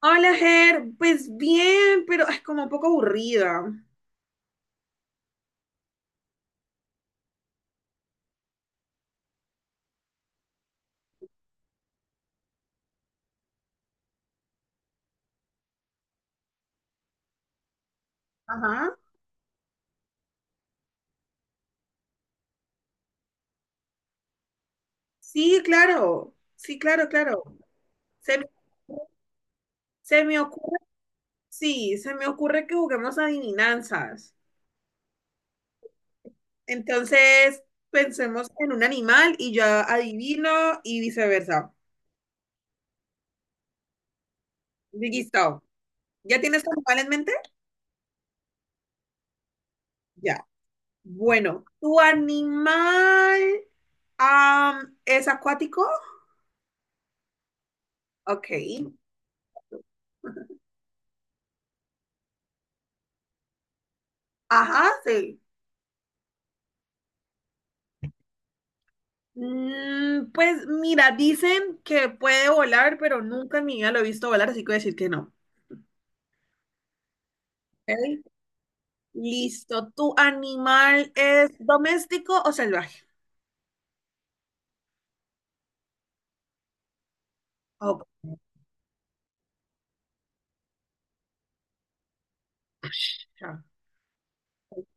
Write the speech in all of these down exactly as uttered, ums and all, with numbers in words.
Hola, Ger. Pues bien, pero es como un poco aburrida. Ajá. Sí, claro. Sí, claro, claro. Se, se me ocurre, sí, se me ocurre que juguemos adivinanzas. Entonces, pensemos en un animal y yo adivino y viceversa. Listo. ¿Ya tienes tu animal en mente? Ya. Bueno, ¿tu animal am, es acuático? Ok. Ajá, sí. Mm, pues mira, dicen que puede volar, pero nunca en mi vida lo he visto volar, así que voy a decir que no. Ok, listo. ¿Tu animal es doméstico o salvaje? Ok, ya.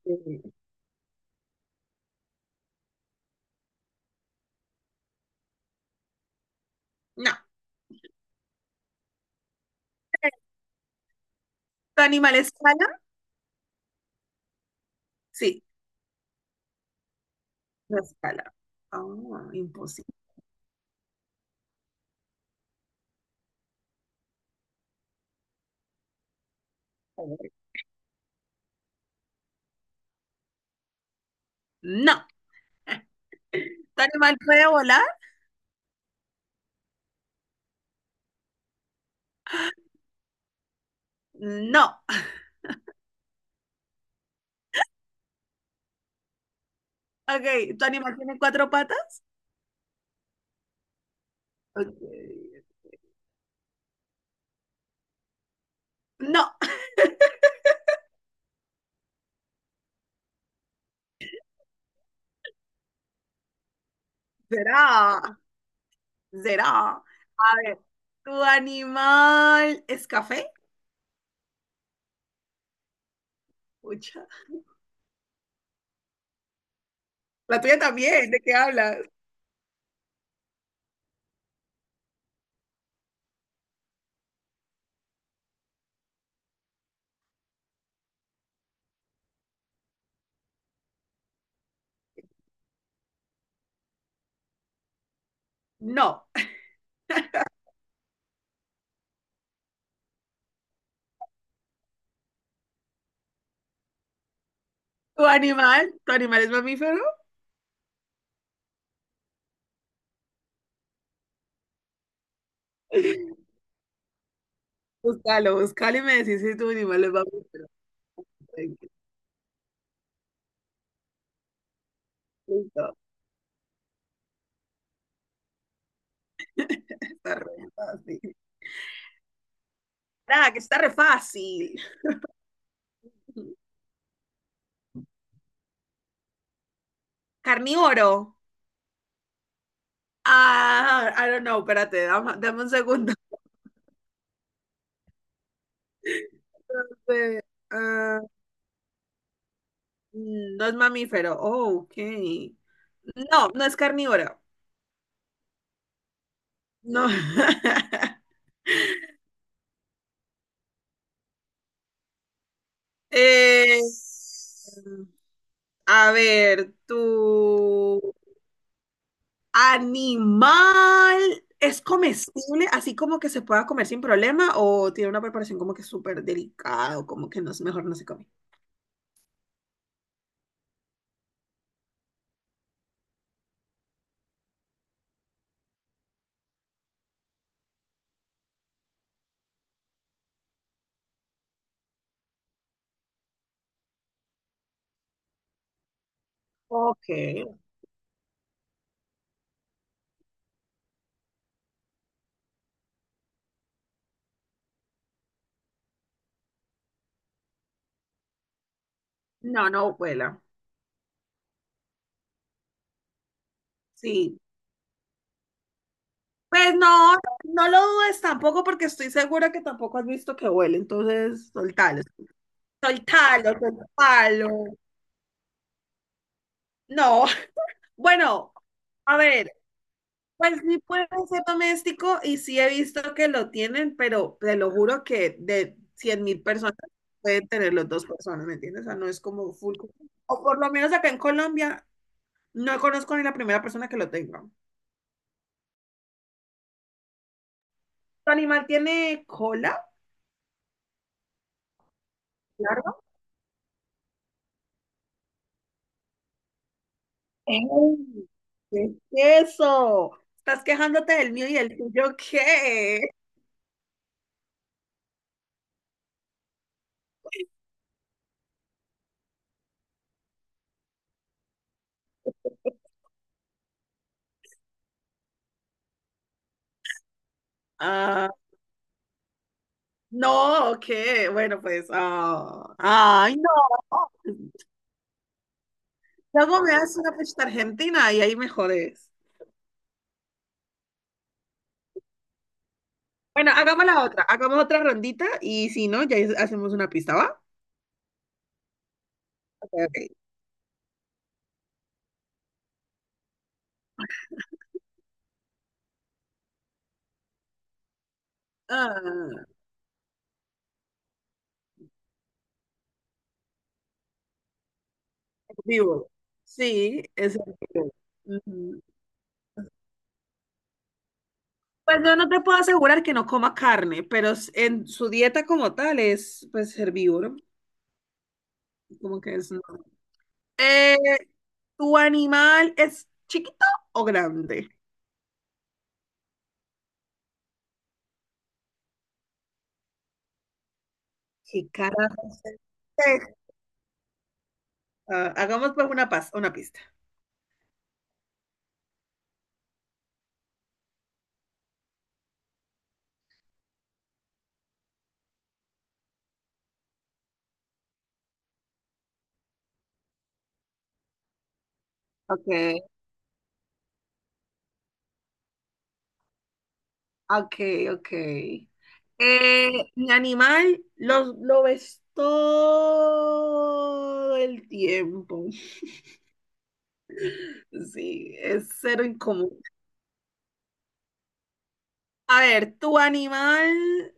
Eh, No. ¿Tu animal escala? Sí, no escala. Ah, imposible. No. ¿Tu animal puede volar? No. Ok, ¿tu animal tiene cuatro patas? Ok. No. Será. Será. A ver, ¿tu animal es café? Pucha. La tuya también, ¿de qué hablas? No. ¿Tu animal? ¿Tu animal es mamífero? Búscalo, búscalo y me decís si tu animal es mamífero. Listo. Está re fácil. Nada, que está re fácil. Carnívoro. Ah, I don't know, espérate, dame, dame un segundo. Eh, ah, mm, no es mamífero. Oh, ok. No, no es carnívoro. No. Eh, a ver, tú. Animal, ¿es comestible así como que se pueda comer sin problema o tiene una preparación como que súper delicada o como que no, es- mejor no se come? Ok, no, no vuela. Sí, pues no, no lo dudes tampoco porque estoy segura que tampoco has visto que huele, entonces soltalo, soltalo, soltalo. No, bueno, a ver. Pues sí puede ser doméstico y sí he visto que lo tienen, pero te lo juro que de cien mil personas pueden tener los dos personas, ¿me entiendes? O sea, no es como full. O por lo menos acá en Colombia no conozco ni la primera persona que lo tenga. ¿Tu animal tiene cola? Claro. ¡Ey! ¿Qué es eso? ¿Estás quejándote del mío y el tuyo qué? Ah, no, ¿qué? Bueno, pues, ah, ay, no. Luego me haces una fiesta argentina y ahí me jodes. Bueno, hagamos la otra, hagamos otra rondita y si no, ya es- hacemos una pista, ¿va? Ok, ok. Ah, vivo. Sí, es en vivo. Ujú. Pues no, no te puedo asegurar que no coma carne, pero s- en su dieta como tal es pues herbívoro, como que es... no. Eh, ¿tu animal es chiquito o grande? Sí, carajo. Ah, hagamos pues una, pas- una pista. Ok. Ok, ok. Eh, mi animal lo, lo ves todo el tiempo. Sí, es cero incómodo. A ver, tu animal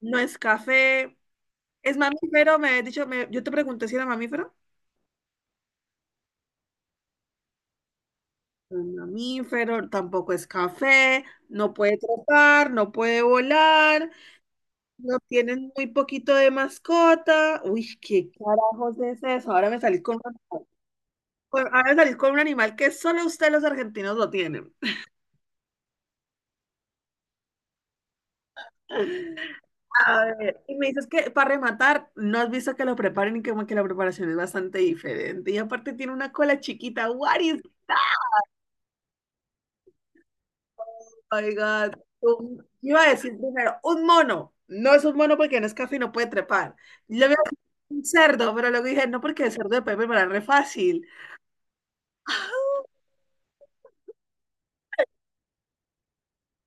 no es café, es mamífero, me has dicho, me- yo te pregunté si era mamífero. No es mamífero, tampoco es café, no puede trepar, no puede volar, no tienen muy poquito de mascota. Uy, ¿qué carajos es eso? Ahora me salí con... con- Ahora salir con un animal que solo ustedes los argentinos lo tienen. A ver, y me dices que para rematar, no has visto que lo preparen y como que la preparación es bastante diferente. Y aparte tiene una cola chiquita. What is... Oh my God. Un- iba a decir primero, un mono. No es un mono porque no es café y no puede trepar. Yo veo un cerdo, pero luego dije, no, porque el cerdo de puede preparar re fácil.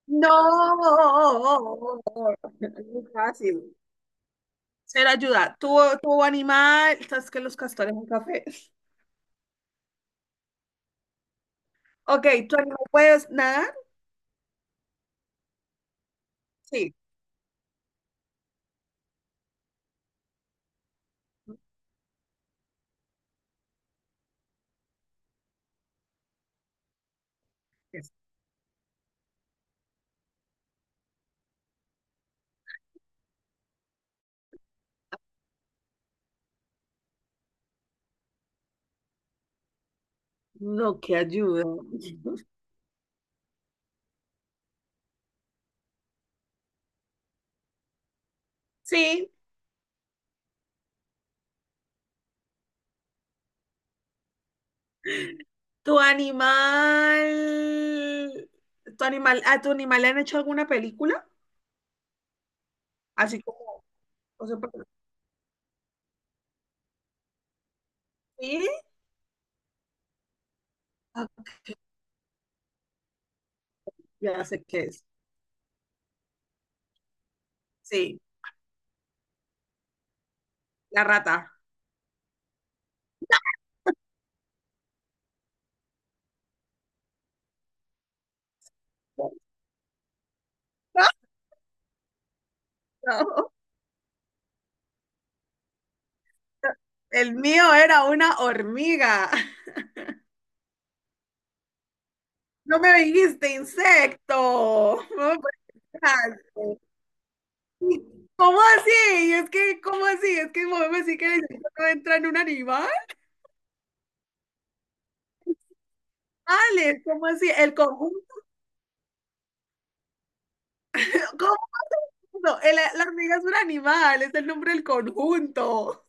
No, muy fácil. Ser ayuda. Tu, tu animal, sabes que los castores un café. Ok, ¿tu animal puedes nadar? Sí. No, que ayuda. Sí. ¿Tu animal, tu animal, a tu animal le han hecho alguna película? Así como, o sea, por- sí. Ah, ya sé qué es. Sí, la rata. No, el mío era una hormiga. No me dijiste insecto. No me puedes dejar. ¿Cómo así? Es que, ¿cómo así? Es que Mohamed me sí que dice que no entra en un animal. Alex, ¿cómo así? El conjunto. ¿Cómo así? No, el- la hormiga es un animal, es el nombre del conjunto.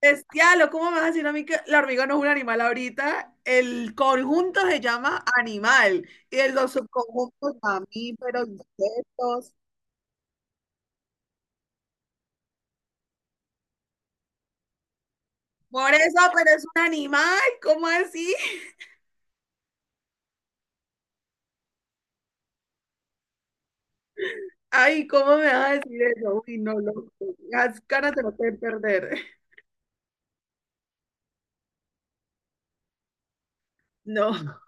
Bestialo, ¿cómo me vas a decir a mí que la hormiga no es un animal ahorita? El conjunto se llama animal y el- los subconjuntos mamíferos, insectos. Por eso, pero es un animal, ¿cómo así? Ay, ¿cómo me vas a decir eso? Uy, no, loco. Las caras te lo pueden perder. No,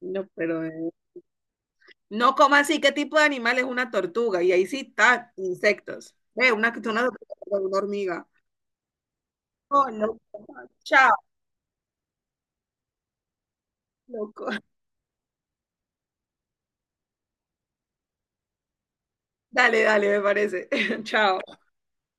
no, pero. eh, No, ¿cómo así? ¿Qué tipo de animal es una tortuga? Y ahí sí está, insectos. Ve, una, una tortuga, una hormiga. Oh, loco. Chao, loco. Dale, dale, me parece. Chao.